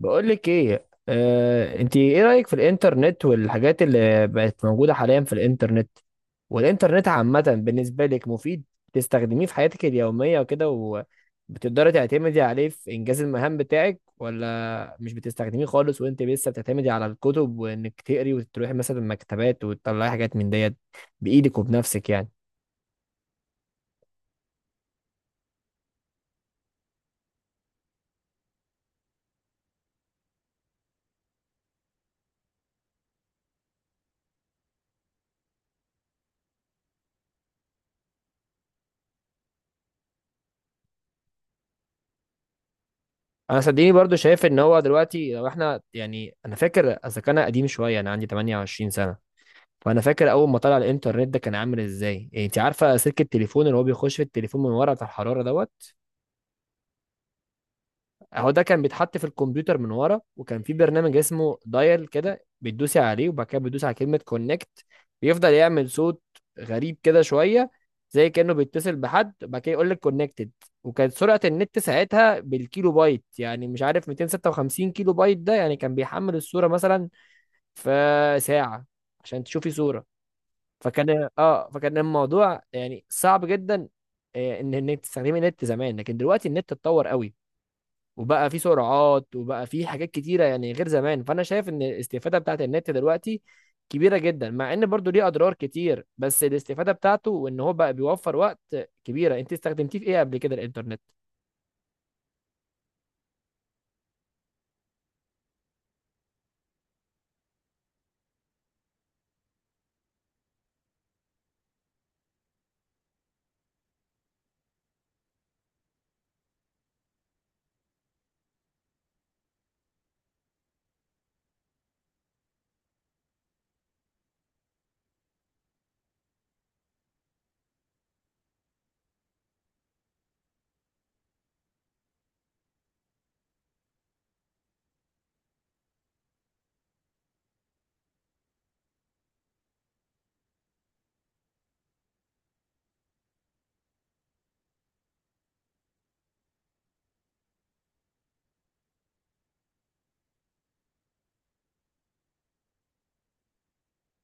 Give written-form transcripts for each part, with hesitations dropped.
بقول لك ايه، انت ايه رايك في الانترنت والحاجات اللي بقت موجوده حاليا في الانترنت، والانترنت عامه بالنسبه لك مفيد؟ تستخدميه في حياتك اليوميه وكده؟ وبتقدري تعتمدي عليه في انجاز المهام بتاعك، ولا مش بتستخدميه خالص وانت لسه بتعتمدي على الكتب وانك تقري وتروحي مثلا المكتبات وتطلعي حاجات من ديت بايدك وبنفسك يعني؟ انا صدقيني برضو شايف ان هو دلوقتي لو احنا يعني انا فاكر اذا كان قديم شويه، انا عندي 28 سنه. فانا فاكر اول ما طلع الانترنت ده كان عامل ازاي. انت عارفه سلك التليفون اللي هو بيخش في التليفون من ورا بتاع الحراره دوت؟ اهو ده كان بيتحط في الكمبيوتر من ورا، وكان في برنامج اسمه دايل كده بتدوسي عليه، وبعد كده بتدوسي على كلمه كونكت. بيفضل يعمل صوت غريب كده شويه، زي كانه بيتصل بحد، وبعد كده يقول لك كونكتد. وكانت سرعه النت ساعتها بالكيلو بايت، يعني مش عارف 256 كيلو بايت ده، يعني كان بيحمل الصوره مثلا في ساعه عشان تشوفي صوره. فكان الموضوع يعني صعب جدا ان انك تستخدمي النت زمان. لكن دلوقتي النت اتطور قوي، وبقى فيه سرعات، وبقى فيه حاجات كتيره يعني غير زمان. فانا شايف ان الاستفاده بتاعت النت دلوقتي كبيره جدا، مع ان برضو ليه اضرار كتير، بس الاستفاده بتاعته وان هو بقى بيوفر وقت كبيره. انت استخدمتيه في ايه قبل كده الانترنت؟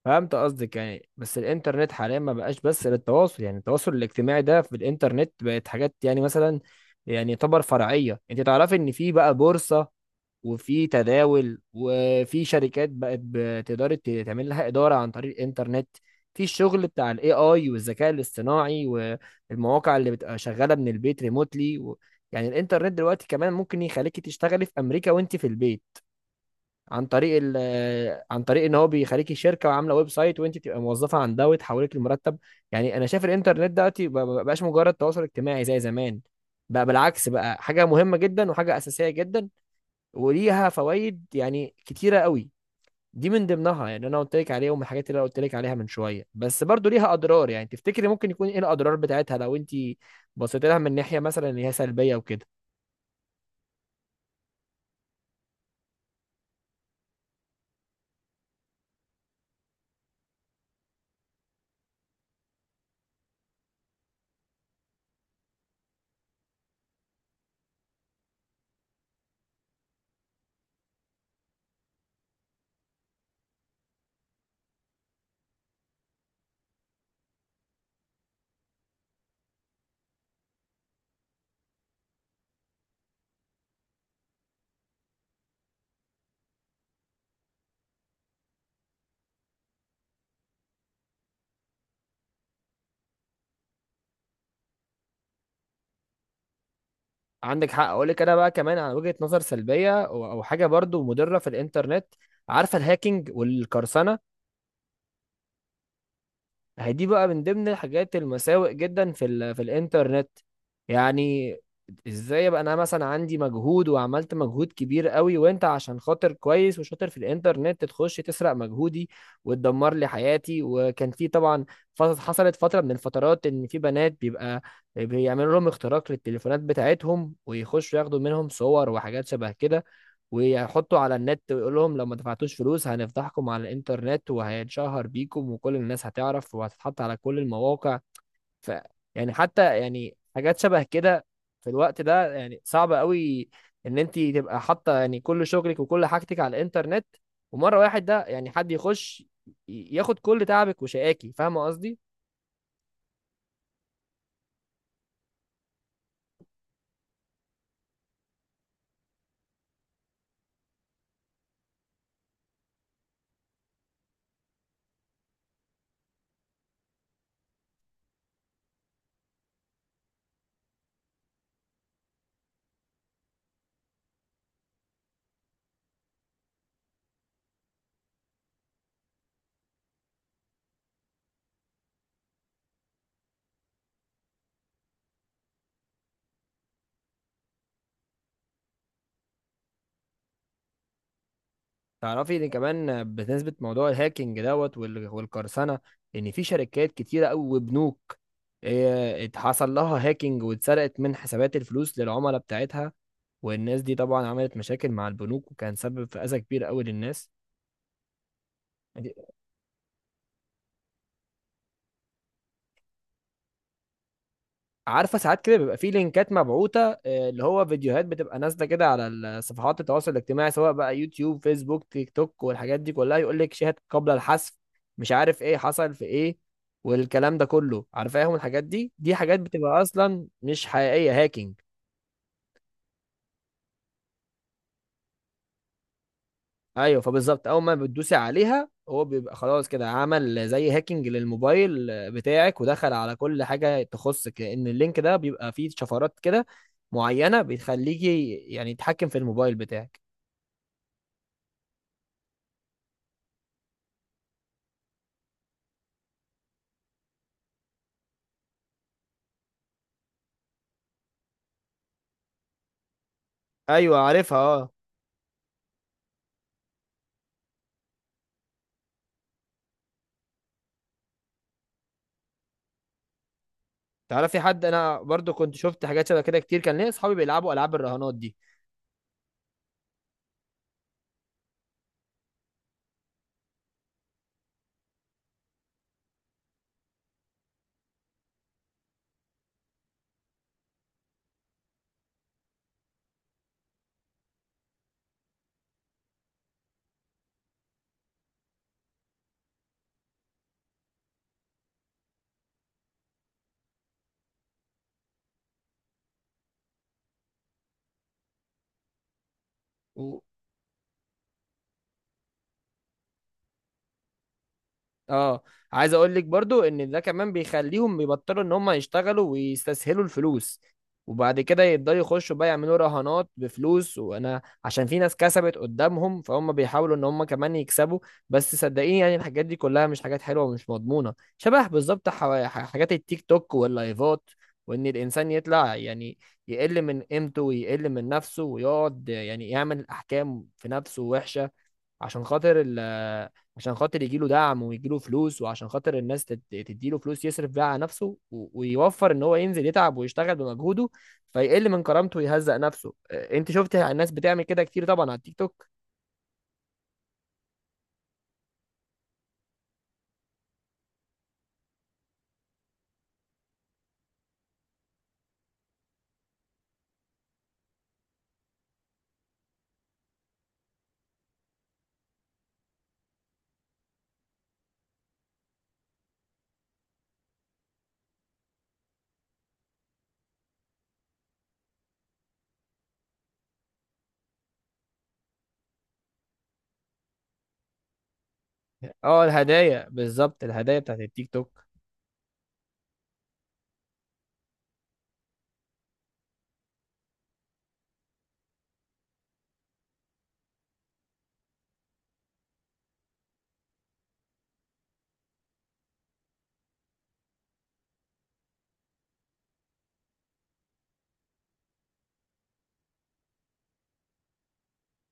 فهمت قصدك يعني، بس الانترنت حاليا ما بقاش بس للتواصل، يعني التواصل الاجتماعي ده في الانترنت بقت حاجات يعني مثلا يعني يعتبر فرعيه. انت تعرفي ان في بقى بورصه، وفي تداول، وفي شركات بقت بتقدر تعمل لها إدارة عن طريق الإنترنت. في الشغل بتاع الاي اي والذكاء الاصطناعي، والمواقع اللي بتبقى شغالة من البيت ريموتلي يعني الإنترنت دلوقتي كمان ممكن يخليكي تشتغلي في أمريكا وأنت في البيت، عن طريق عن طريق ان هو بيخليكي شركه وعامله ويب سايت وانت تبقى موظفه عندها وتحولك لمرتب. يعني انا شايف الانترنت دلوقتي ما بقاش مجرد تواصل اجتماعي زي زمان، بقى بالعكس بقى حاجه مهمه جدا وحاجه اساسيه جدا، وليها فوائد يعني كتيرة قوي. دي من ضمنها، يعني انا قلت لك عليهم الحاجات اللي انا قلت لك عليها من شوية. بس برضو ليها اضرار، يعني تفتكري ممكن يكون ايه الاضرار بتاعتها لو انت بصيت لها من ناحية مثلا ان هي سلبية وكده؟ عندك حق. اقول لك انا بقى كمان على وجهة نظر سلبية او أو حاجة برضو مضرة في الانترنت، عارفة الهاكينج والقرصنة؟ هي دي بقى من ضمن الحاجات المساوئ جدا في في الانترنت. يعني ازاي ابقى انا مثلا عندي مجهود وعملت مجهود كبير قوي، وانت عشان خاطر كويس وشاطر في الانترنت تخش تسرق مجهودي وتدمر لي حياتي؟ وكان في طبعا، حصلت فترة من الفترات ان في بنات بيبقى بيعملوا لهم اختراق للتليفونات بتاعتهم، ويخشوا ياخدوا منهم صور وحاجات شبه كده، ويحطوا على النت، ويقول لهم لو ما دفعتوش فلوس هنفضحكم على الانترنت وهيتشهر بيكم وكل الناس هتعرف وهتتحط على كل المواقع. ف يعني حتى يعني حاجات شبه كده في الوقت ده يعني صعب قوي ان انت تبقى حاطه يعني كل شغلك وكل حاجتك على الانترنت، ومره واحد ده يعني حد يخش ياخد كل تعبك وشقاكي، فاهمه قصدي؟ تعرفي ان كمان بالنسبه لموضوع الهاكينج دوت والقرصنه، ان في شركات كتيره قوي وبنوك اتحصل لها هاكينج واتسرقت من حسابات الفلوس للعملاء بتاعتها، والناس دي طبعا عملت مشاكل مع البنوك، وكان سبب في اذى كبير قوي للناس. عارفه ساعات كده بيبقى في لينكات مبعوثه، اللي هو فيديوهات بتبقى نازله كده على صفحات التواصل الاجتماعي، سواء بقى يوتيوب فيسبوك تيك توك والحاجات دي كلها، يقول لك شاهد قبل الحذف، مش عارف ايه حصل في ايه، والكلام ده كله، عارفاهم الحاجات دي؟ دي حاجات بتبقى اصلا مش حقيقيه، هاكينج. ايوه، فبالظبط اول ما بتدوسي عليها هو بيبقى خلاص كده عمل زي هاكينج للموبايل بتاعك، ودخل على كل حاجه تخصك، لان اللينك ده بيبقى فيه شفرات كده معينه بتخليكي يعني يتحكم في الموبايل بتاعك. ايوه عارفها، اه. تعرفي حد، انا برضو كنت شفت حاجات شبه كده كتير، كان ليا اصحابي بيلعبوا العاب الرهانات دي و- اه. عايز اقول لك برضو ان ده كمان بيخليهم يبطلوا ان هم يشتغلوا ويستسهلوا الفلوس، وبعد كده يقدروا يخشوا بقى يعملوا رهانات بفلوس، وانا عشان في ناس كسبت قدامهم فهم بيحاولوا ان هم كمان يكسبوا. بس صدقيني يعني الحاجات دي كلها مش حاجات حلوة ومش مضمونة، شبه بالظبط حاجات التيك توك واللايفات، وان الانسان يطلع يعني يقل من قيمته ويقل من نفسه، ويقعد يعني يعمل احكام في نفسه وحشة، عشان خاطر عشان خاطر يجيله دعم ويجيله فلوس، وعشان خاطر الناس تديله فلوس يصرف بيها على نفسه ويوفر ان هو ينزل يتعب ويشتغل بمجهوده. فيقل من كرامته ويهزق نفسه. انت شفت الناس بتعمل كده كتير طبعا على التيك توك. اه الهدايا بالظبط، الهدايا بتاعت التيك توك.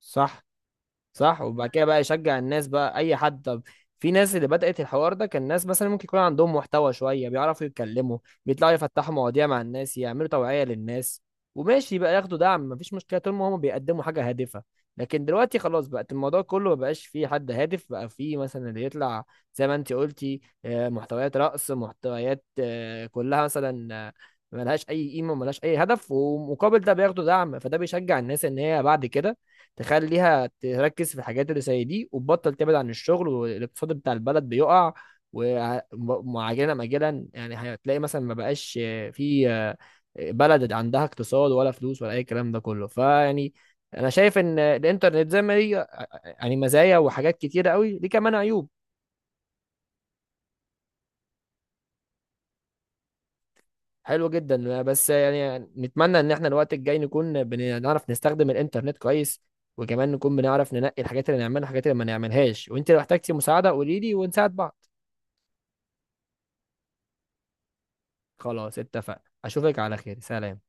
صح. صح. وبعد كده بقى يشجع الناس، بقى اي حد. طب في ناس اللي بدأت الحوار ده كان ناس مثلا ممكن يكون عندهم محتوى شوية، بيعرفوا يتكلموا، بيطلعوا يفتحوا مواضيع مع الناس، يعملوا توعية للناس، وماشي بقى ياخدوا دعم، مفيش مشكلة طول ما هم بيقدموا حاجة هادفة. لكن دلوقتي خلاص بقت الموضوع كله ما بقاش فيه حد هادف، بقى فيه مثلا اللي يطلع زي ما انت قلتي، محتويات رقص، محتويات كلها مثلا، ملهاش اي قيمة ملهاش اي هدف، ومقابل ده بياخدوا دعم، فده بيشجع الناس ان هي بعد كده تخليها تركز في الحاجات اللي زي دي وتبطل تبعد عن الشغل، والاقتصاد بتاع البلد بيقع. ومعجلا مجلا يعني هتلاقي مثلا ما بقاش في بلد عندها اقتصاد ولا فلوس ولا اي كلام ده كله، فيعني انا شايف ان الانترنت زي ما ليه يعني مزايا وحاجات كتيره قوي، ليه كمان عيوب. حلو جدا. بس يعني نتمنى ان احنا الوقت الجاي نكون بنعرف نستخدم الانترنت كويس، وكمان نكون بنعرف ننقي الحاجات اللي نعملها والحاجات اللي ما نعملهاش. وانت لو احتجتي مساعده قولي لي ونساعد بعض. خلاص اتفقنا، اشوفك على خير، سلام.